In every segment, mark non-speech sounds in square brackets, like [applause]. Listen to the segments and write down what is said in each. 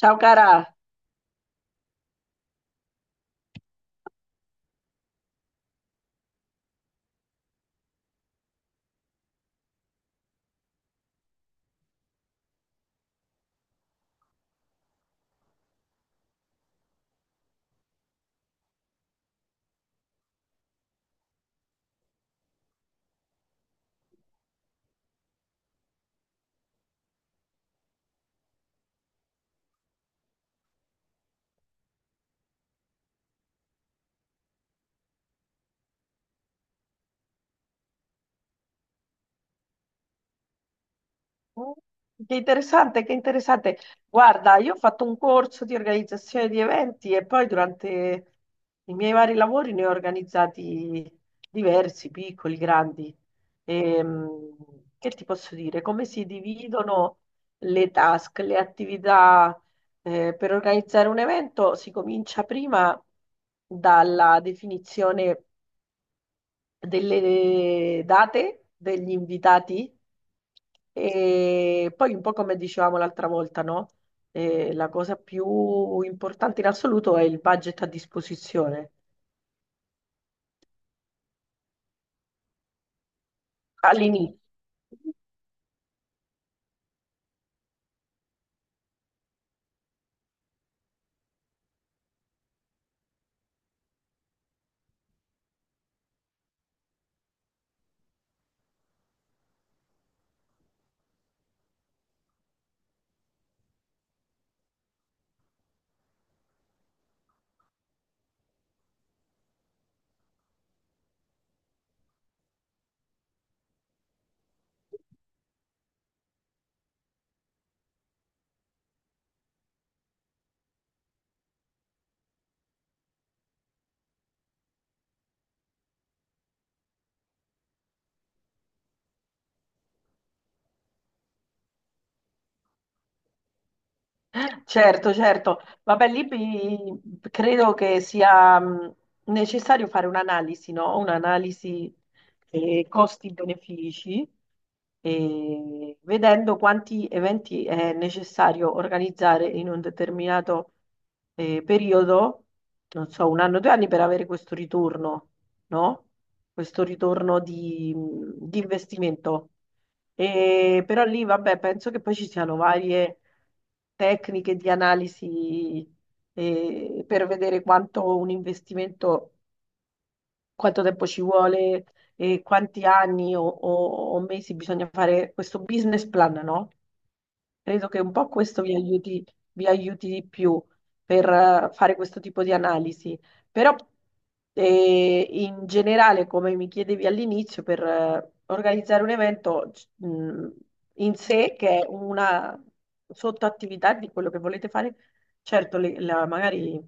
Ciao cara. Mm, che interessante, che interessante. Guarda, io ho fatto un corso di organizzazione di eventi e poi durante i miei vari lavori ne ho organizzati diversi, piccoli, grandi. Ehm, che ti posso dire? Come si dividono le task, le attività, per organizzare un evento? Si comincia prima dalla definizione delle date degli invitati e poi un po' come dicevamo l'altra volta, no? La cosa più importante in assoluto è il budget a disposizione all'inizio. Certo, certo. Vabbè, lì credo che sia necessario fare un'analisi, no? Un'analisi costi-benefici, e vedendo quanti eventi è necessario organizzare in un determinato periodo, non so, un anno, due anni, per avere questo ritorno, no? Questo ritorno di investimento. Però lì, vabbè, penso che poi ci siano varie tecniche di analisi per vedere quanto un investimento, quanto tempo ci vuole e quanti anni o mesi bisogna fare questo business plan, no? Credo che un po' questo vi aiuti di più per fare questo tipo di analisi, però in generale, come mi chiedevi all'inizio, per organizzare un evento mh, in sé, che è una sottoattività di quello che volete fare, certo, magari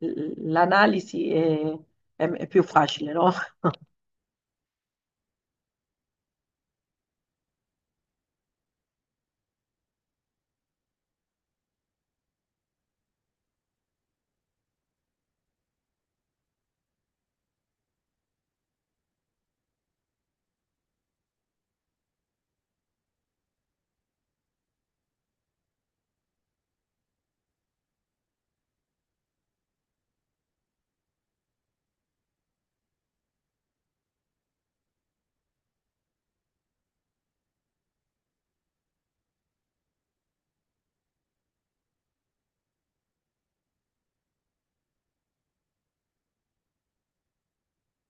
l'analisi è più facile, no?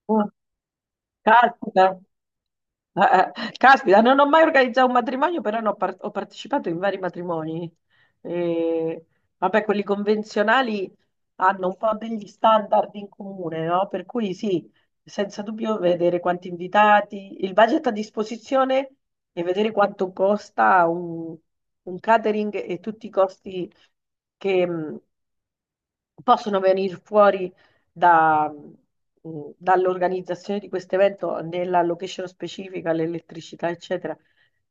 [laughs] Caspita, eh, caspita, non ho mai organizzato un matrimonio, però ho partecipato in vari matrimoni. E, vabbè, quelli convenzionali hanno un po' degli standard in comune, no? Per cui sì, senza dubbio vedere quanti invitati, il budget a disposizione e vedere quanto costa un catering e tutti i costi che, possono venire fuori dall'organizzazione di questo evento, nella location specifica, l'elettricità, eccetera,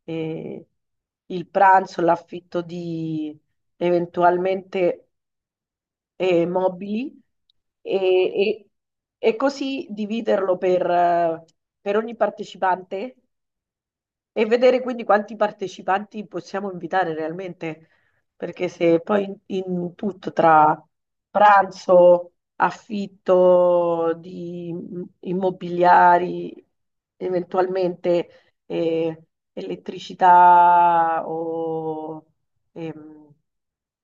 e il pranzo, l'affitto di eventualmente mobili e, e- e così dividerlo per ogni partecipante e vedere quindi quanti partecipanti possiamo invitare realmente, perché se poi in tutto tra pranzo, affitto di immobiliari, eventualmente elettricità o ehm,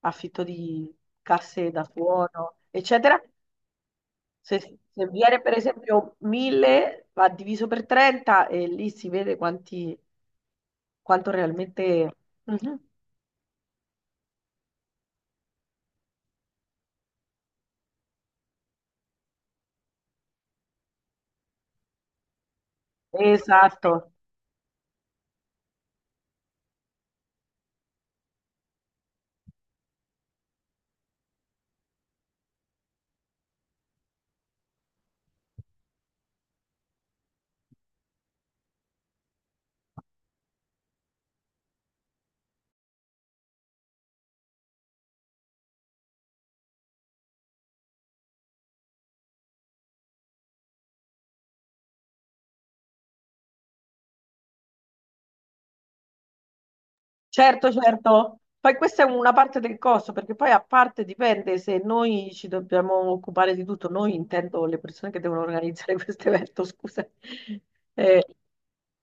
affitto di casse da suono, eccetera, se, se viene per esempio 1000, va diviso per 30 e lì si vede quanti, quanto realmente. Mhm. Esatto. Certo, certo. Poi questa è una parte del costo, perché poi a parte dipende se noi ci dobbiamo occupare di tutto, noi intendo le persone che devono organizzare [laughs] questo evento, scusa. Eh,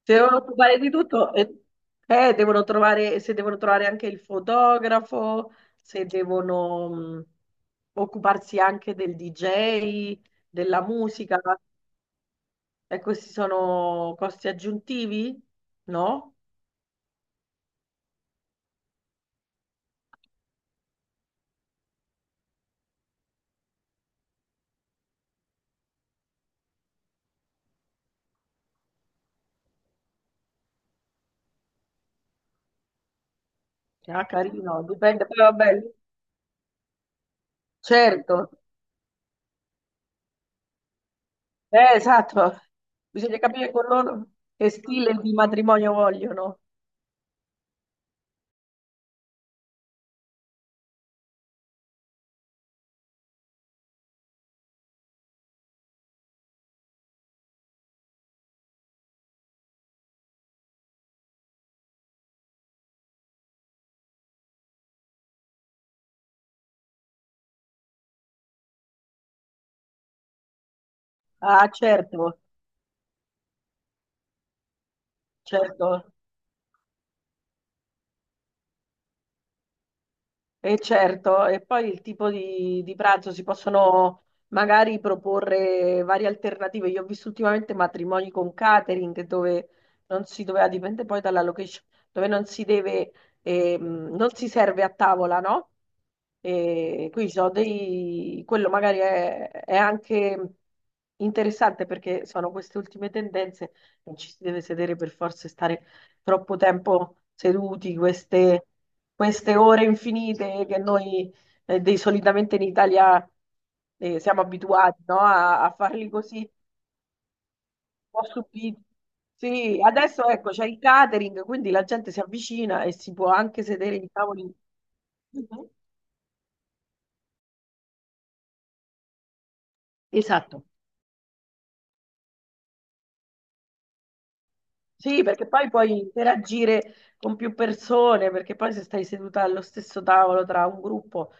si devono occupare di tutto e devono trovare, se devono trovare anche il fotografo, se devono occuparsi anche del DJ, della musica, e questi sono costi aggiuntivi? No? Ah, carino, dipende, poi vabbè, certo, esatto. Bisogna capire con loro che stile di matrimonio vogliono. Ah, certo, certo. E certo, e poi il tipo di pranzo si possono magari proporre varie alternative. Io ho visto ultimamente matrimoni con catering dove non si doveva, dipende poi dalla location, dove non si deve, non si serve a tavola, no? E qui ci sono dei, quello magari è anche interessante perché sono queste ultime tendenze, non ci si deve sedere per forza e stare troppo tempo seduti, queste ore infinite che noi solitamente in Italia siamo abituati, no? A farli così, un po' subiti. Sì, adesso ecco, c'è il catering, quindi la gente si avvicina e si può anche sedere in tavoli. Mhm. Esatto. Sì, perché poi puoi interagire con più persone, perché poi se stai seduta allo stesso tavolo tra un gruppo,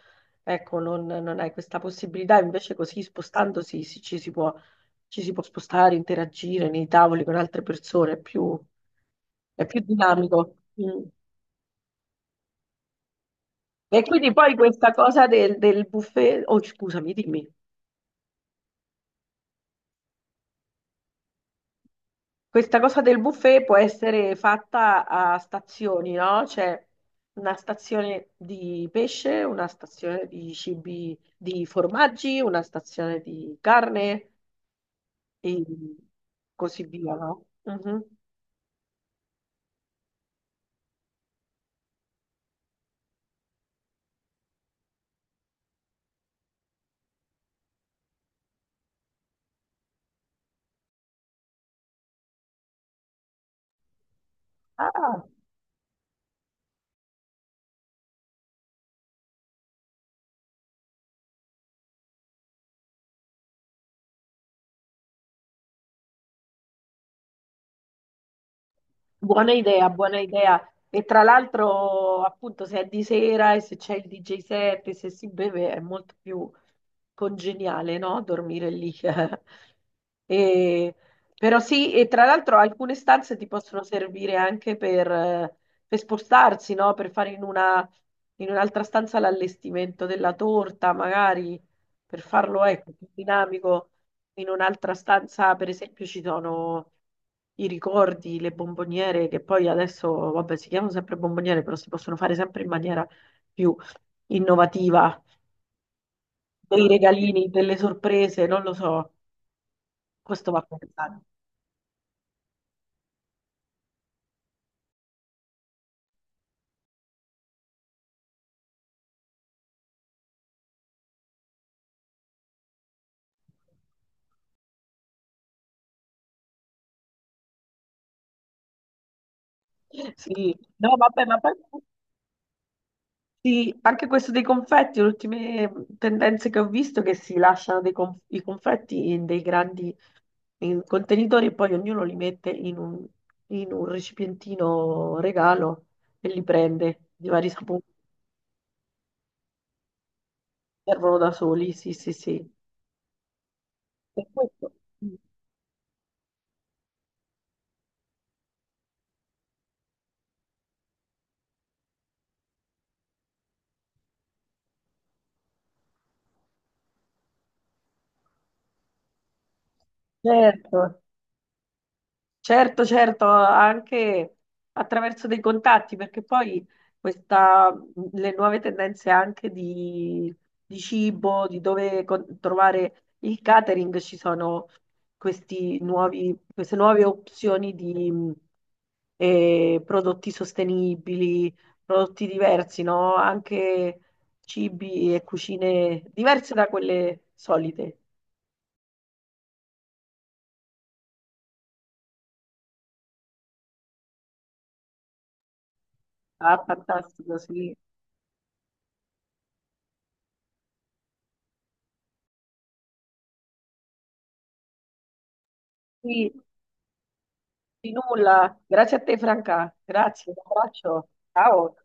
ecco, non hai questa possibilità, invece così spostandosi ci si può spostare, interagire nei tavoli con altre persone, è più dinamico. Mm. E quindi poi questa cosa del buffet, oh scusami, dimmi. Questa cosa del buffet può essere fatta a stazioni, no? C'è una stazione di pesce, una stazione di cibi, di formaggi, una stazione di carne e così via, no? Mhm. Ah. Buona idea, buona idea. E tra l'altro, appunto, se è di sera e se c'è il DJ set e se si beve è molto più congeniale, no? Dormire lì. [laughs] E- Però sì, e tra l'altro alcune stanze ti possono servire anche per spostarsi, no? Per fare in una, in un'altra stanza l'allestimento della torta, magari, per farlo, ecco, più dinamico in un'altra stanza, per esempio, ci sono i ricordi, le bomboniere, che poi adesso, vabbè, si chiamano sempre bomboniere, però si possono fare sempre in maniera più innovativa, dei regalini, delle sorprese, non lo so, questo va pensato. Sì, no, vabbè, ma poi sì, anche questo dei confetti, le ultime tendenze che ho visto è che si lasciano i confetti in dei grandi in contenitori e poi ognuno li mette in un recipientino regalo e li prende di vari sapori, servono da soli, sì, sì, sì. E questo, mm, certo, certo, certo, anche attraverso dei contatti, perché poi questa, le nuove tendenze anche di cibo, di dove trovare il catering, ci sono questi nuovi, queste nuove opzioni di prodotti sostenibili, prodotti diversi, no? Anche cibi e cucine diverse da quelle solite. Ah, fantastico, sì. Sì, di nulla, grazie a te Franca, grazie, un abbraccio, ciao.